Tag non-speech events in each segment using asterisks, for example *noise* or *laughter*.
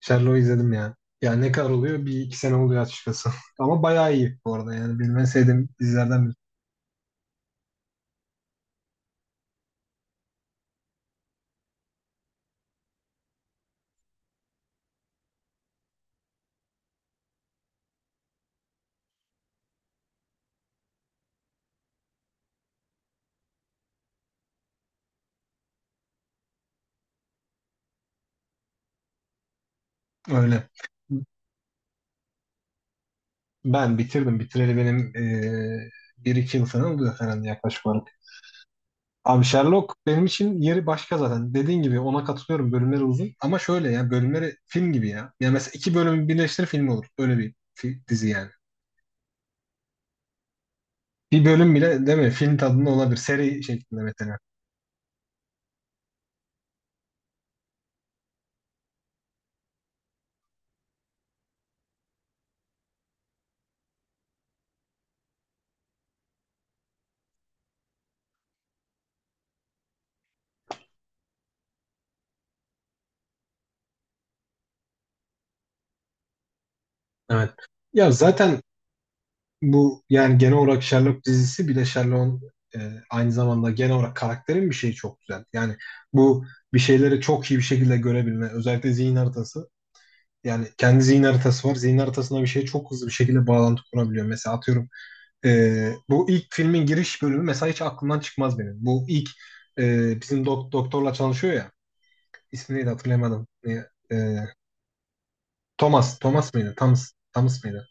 Sherlock'u izledim ya. Ya ne kadar oluyor? Bir iki sene oluyor açıkçası. *laughs* Ama bayağı iyi bu arada yani. Benim en sevdiğim dizilerden biri. Öyle. Ben bitirdim. Bitireli benim bir iki yıl falan oluyor herhalde yaklaşık olarak. Abi Sherlock benim için yeri başka zaten. Dediğin gibi ona katılıyorum. Bölümleri uzun. Ama şöyle ya bölümleri film gibi ya. Yani mesela iki bölümü birleştir film olur. Öyle bir dizi yani. Bir bölüm bile değil mi? Film tadında olabilir. Seri şeklinde mesela. Evet. Ya zaten bu yani genel olarak Sherlock dizisi, bir de Sherlock'un e, aynı zamanda genel olarak karakterin bir şeyi çok güzel. Yani bu bir şeyleri çok iyi bir şekilde görebilme, özellikle zihin haritası. Yani kendi zihin haritası var. Zihin haritasına bir şeye çok hızlı bir şekilde bağlantı kurabiliyor. Mesela atıyorum, bu ilk filmin giriş bölümü mesela hiç aklımdan çıkmaz benim. Bu ilk bizim doktorla çalışıyor ya. İsmi neydi hatırlayamadım. E, Thomas. Thomas mıydı? Thomas. Thomas mıydı?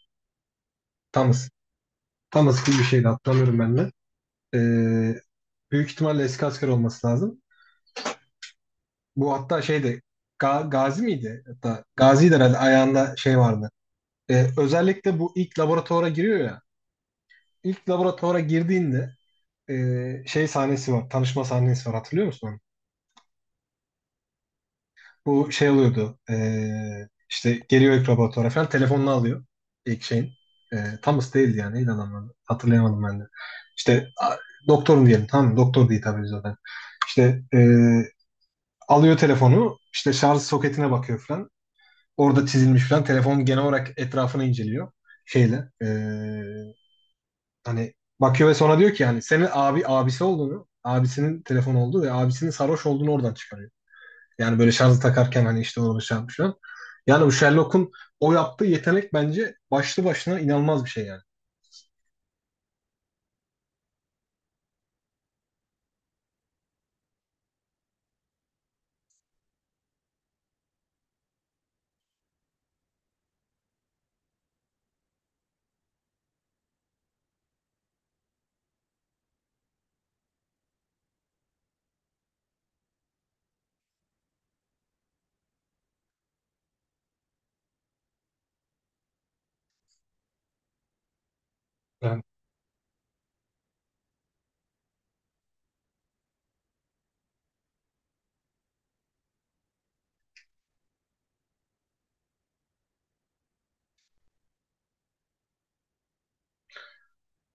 Thomas. Thomas gibi bir şeydi, hatırlamıyorum ben de. Ee, Büyük ihtimalle eski asker olması lazım. Bu hatta şeyde Gazi miydi? Hatta Gazi'ydi herhalde, ayağında şey vardı. Özellikle bu ilk laboratuvara giriyor ya. İlk laboratuvara girdiğinde şey sahnesi var. Tanışma sahnesi var. Hatırlıyor musun onu? Bu şey oluyordu. İşte geliyor ilk laboratuvara falan. Telefonunu alıyor. İlk şeyin. Ee, Thomas değildi yani. Neydi adamın adı? Hatırlayamadım ben de. İşte doktorun diyelim. Tamam mı? Doktor diye hitap ediyor zaten. İşte alıyor telefonu, işte şarj soketine bakıyor falan. Orada çizilmiş falan. Telefon, genel olarak etrafını inceliyor şeyle. Hani bakıyor ve sonra diyor ki yani senin abisi olduğunu, abisinin telefon olduğu ve abisinin sarhoş olduğunu oradan çıkarıyor. Yani böyle şarjı takarken hani işte orada şey yapmış falan. Yani bu Sherlock'un o yaptığı yetenek bence başlı başına inanılmaz bir şey yani. Yani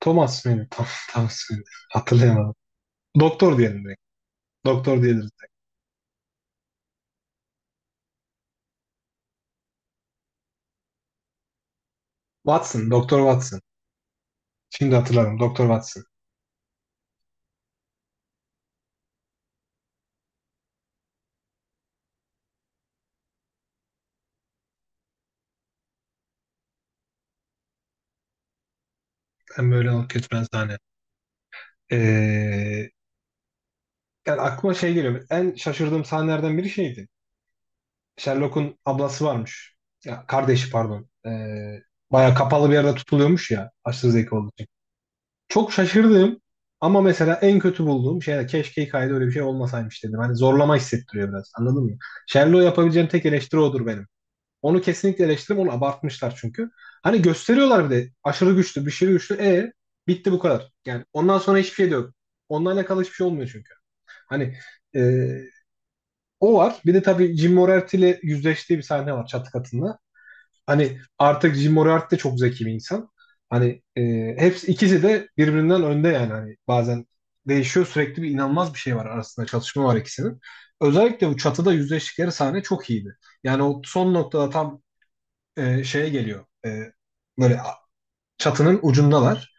Thomas mıydı? *laughs* Tam, Thomas mıydı? Hatırlayamadım. Doktor diyelim direkt. Doktor diyelim. Watson, Doktor Watson. Şimdi hatırladım. Doktor Watson. Hem böyle hak etmez sahne. Ee, Yani aklıma şey geliyor. En şaşırdığım sahnelerden biri şeydi. Sherlock'un ablası varmış. Ya kardeşi pardon. Bayağı kapalı bir yerde tutuluyormuş ya. Aşırı zeki olduğu için. Çok şaşırdığım ama mesela en kötü bulduğum şey de, keşke hikayede öyle bir şey olmasaymış dedim. Hani zorlama hissettiriyor biraz. Anladın mı? Sherlock'u yapabileceğim tek eleştiri odur benim. Onu kesinlikle eleştiririm. Onu abartmışlar çünkü. Hani gösteriyorlar bir de aşırı güçlü, bir şey güçlü. Bitti bu kadar. Yani ondan sonra hiçbir şey de yok. Onunla alakalı hiçbir şey olmuyor çünkü. Hani e, o var. Bir de tabii Jim Moriarty ile yüzleştiği bir sahne var çatı katında. Hani artık Jim Moriarty de çok zeki bir insan. Hani hepsi ikisi de birbirinden önde yani. Hani bazen değişiyor. Sürekli bir inanılmaz bir şey var arasında. Çatışma var ikisinin. Özellikle bu çatıda yüzleştikleri sahne çok iyiydi. Yani o son noktada tam şeye geliyor. Böyle çatının ucundalar.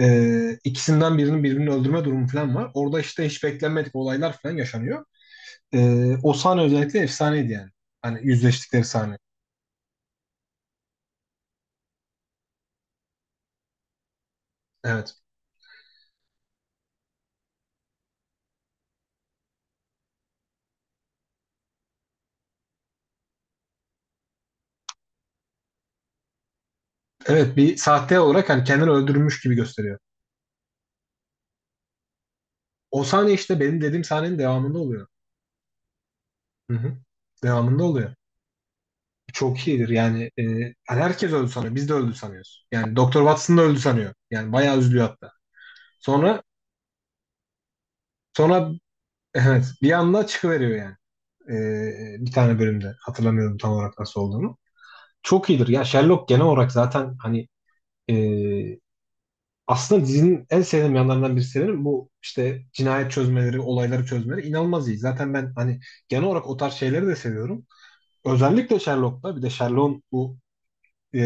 İkisinden birinin birbirini öldürme durumu falan var. Orada işte hiç beklenmedik olaylar falan yaşanıyor. E, O sahne özellikle efsaneydi yani. Hani yüzleştikleri sahne. Evet. Evet, bir sahte olarak hani kendini öldürmüş gibi gösteriyor. O sahne işte benim dediğim sahnenin devamında oluyor. Hı hı. Devamında oluyor. Çok iyidir yani. Hani herkes öldü sanıyor. Biz de öldü sanıyoruz. Yani Doktor Watson da öldü sanıyor. Yani bayağı üzülüyor hatta. Sonra sonra evet bir anda çıkıveriyor yani. Bir tane bölümde. Hatırlamıyorum tam olarak nasıl olduğunu. Çok iyidir. Ya Sherlock genel olarak zaten hani ee, aslında dizinin en sevdiğim yanlarından birisi, benim bu işte cinayet çözmeleri, olayları çözmeleri inanılmaz iyi. Zaten ben hani genel olarak o tarz şeyleri de seviyorum. Özellikle Sherlock'ta, bir de Sherlock'un bu e,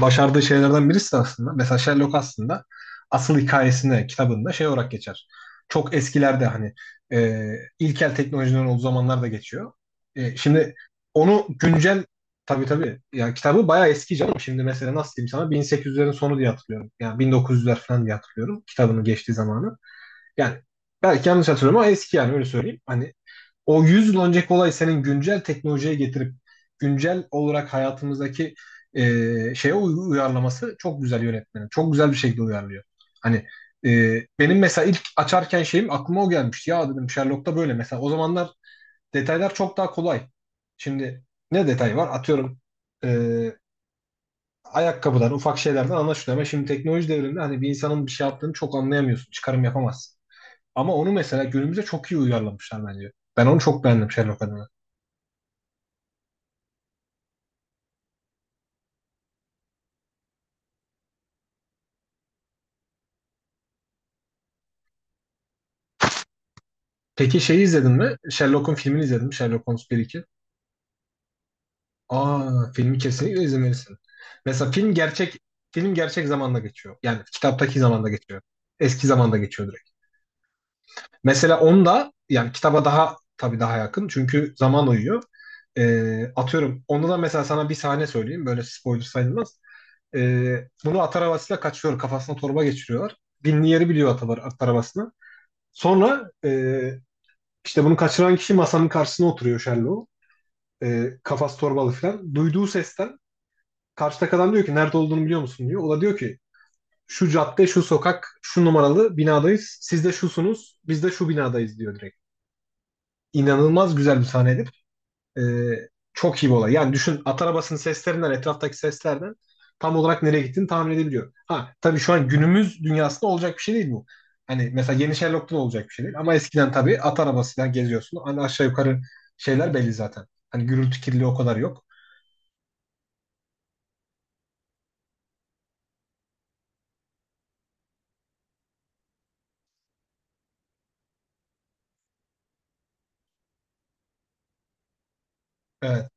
başardığı şeylerden birisi aslında. Mesela Sherlock aslında asıl hikayesinde, kitabında şey olarak geçer. Çok eskilerde hani e, ilkel teknolojilerin olduğu zamanlarda geçiyor. Şimdi onu güncel, tabii tabii yani kitabı bayağı eski canım. Şimdi mesela nasıl diyeyim sana, 1800'lerin sonu diye hatırlıyorum. Yani 1900'ler falan diye hatırlıyorum kitabının geçtiği zamanı. Yani belki yanlış hatırlıyorum ama eski yani, öyle söyleyeyim. Hani o 100 yıl önceki olay, senin güncel teknolojiye getirip güncel olarak hayatımızdaki e, şeye uyarlaması çok güzel yönetmenin. Çok güzel bir şekilde uyarlıyor. Hani benim mesela ilk açarken şeyim, aklıma o gelmişti. Ya dedim, Sherlock'ta böyle mesela. O zamanlar detaylar çok daha kolay. Şimdi ne detay var? Atıyorum e, ayakkabıdan, ufak şeylerden anlaşılıyor. Ama şimdi teknoloji devriminde hani bir insanın bir şey yaptığını çok anlayamıyorsun. Çıkarım yapamazsın. Ama onu mesela günümüze çok iyi uyarlamışlar bence. Ben onu çok beğendim Sherlock adına. Peki şeyi izledin mi? Sherlock'un filmini izledin mi? Sherlock Holmes 1-2. Aa, filmi kesinlikle izlemelisin. Mesela film gerçek zamanda geçiyor. Yani kitaptaki zamanda geçiyor. Eski zamanda geçiyor direkt. Mesela onda yani kitaba daha, tabii daha yakın. Çünkü zaman uyuyor. Atıyorum. Onda da mesela sana bir sahne söyleyeyim. Böyle spoiler sayılmaz. Bunu at arabasıyla kaçıyor. Kafasına torba geçiriyorlar. Binli yeri biliyor at arabasını. Sonra işte bunu kaçıran kişi masanın karşısına oturuyor Sherlock. Kafası torbalı falan. Duyduğu sesten karşıdaki adam diyor ki, nerede olduğunu biliyor musun diyor. O da diyor ki, şu cadde, şu sokak, şu numaralı binadayız. Siz de şusunuz, biz de şu binadayız diyor direkt. İnanılmaz güzel bir sahneydi. Ee, Çok iyi bir olay. Yani düşün, at arabasının seslerinden, etraftaki seslerden tam olarak nereye gittiğini tahmin edebiliyor. Ha tabii, şu an günümüz dünyasında olacak bir şey değil bu. Hani mesela yeni Sherlock'ta da olacak bir şey değil. Ama eskiden tabii at arabasıyla geziyorsun. Hani aşağı yukarı şeyler belli zaten. Hani gürültü kirliliği o kadar yok. Evet.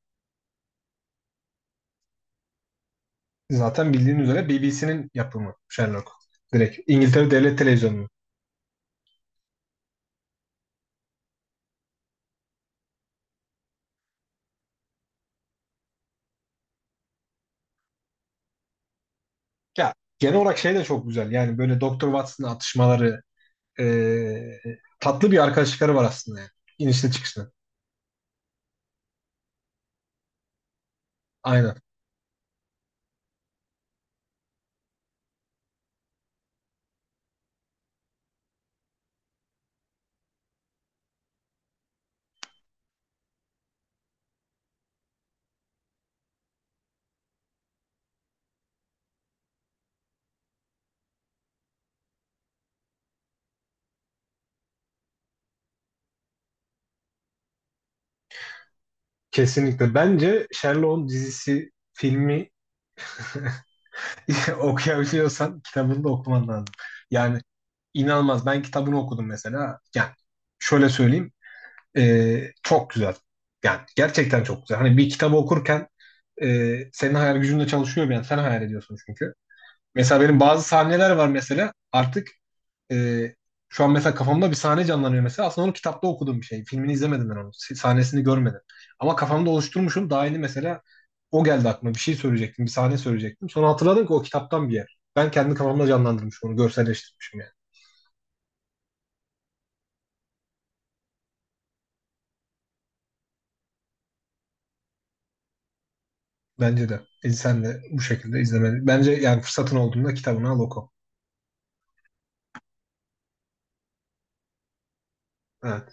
Zaten bildiğin üzere BBC'nin yapımı Sherlock. Direkt İngiltere Devlet Televizyonu'nun. Ya genel olarak şey de çok güzel. Yani böyle Doktor Watson'ın atışmaları, ee, tatlı bir arkadaşlıkları var aslında yani. İnişli çıkışlı. Aynen. Kesinlikle. Bence Sherlock'un dizisi, filmi *laughs* okuyabiliyorsan kitabını da okuman lazım. Yani inanılmaz. Ben kitabını okudum mesela. Yani şöyle söyleyeyim. Çok güzel. Yani gerçekten çok güzel. Hani bir kitabı okurken senin hayal gücünde çalışıyor bir an. Sen hayal ediyorsun çünkü. Mesela benim bazı sahneler var mesela. Artık e, şu an mesela kafamda bir sahne canlanıyor mesela. Aslında onu kitapta okuduğum bir şey. Filmini izlemedim ben onu. Sahnesini görmedim. Ama kafamda oluşturmuşum. Daha yeni mesela o geldi aklıma. Bir şey söyleyecektim. Bir sahne söyleyecektim. Sonra hatırladım ki o kitaptan bir yer. Ben kendi kafamda canlandırmışım onu. Görselleştirmişim yani. Bence de. Sen de bu şekilde izlemeli. Bence yani fırsatın olduğunda kitabını al oku. Ha.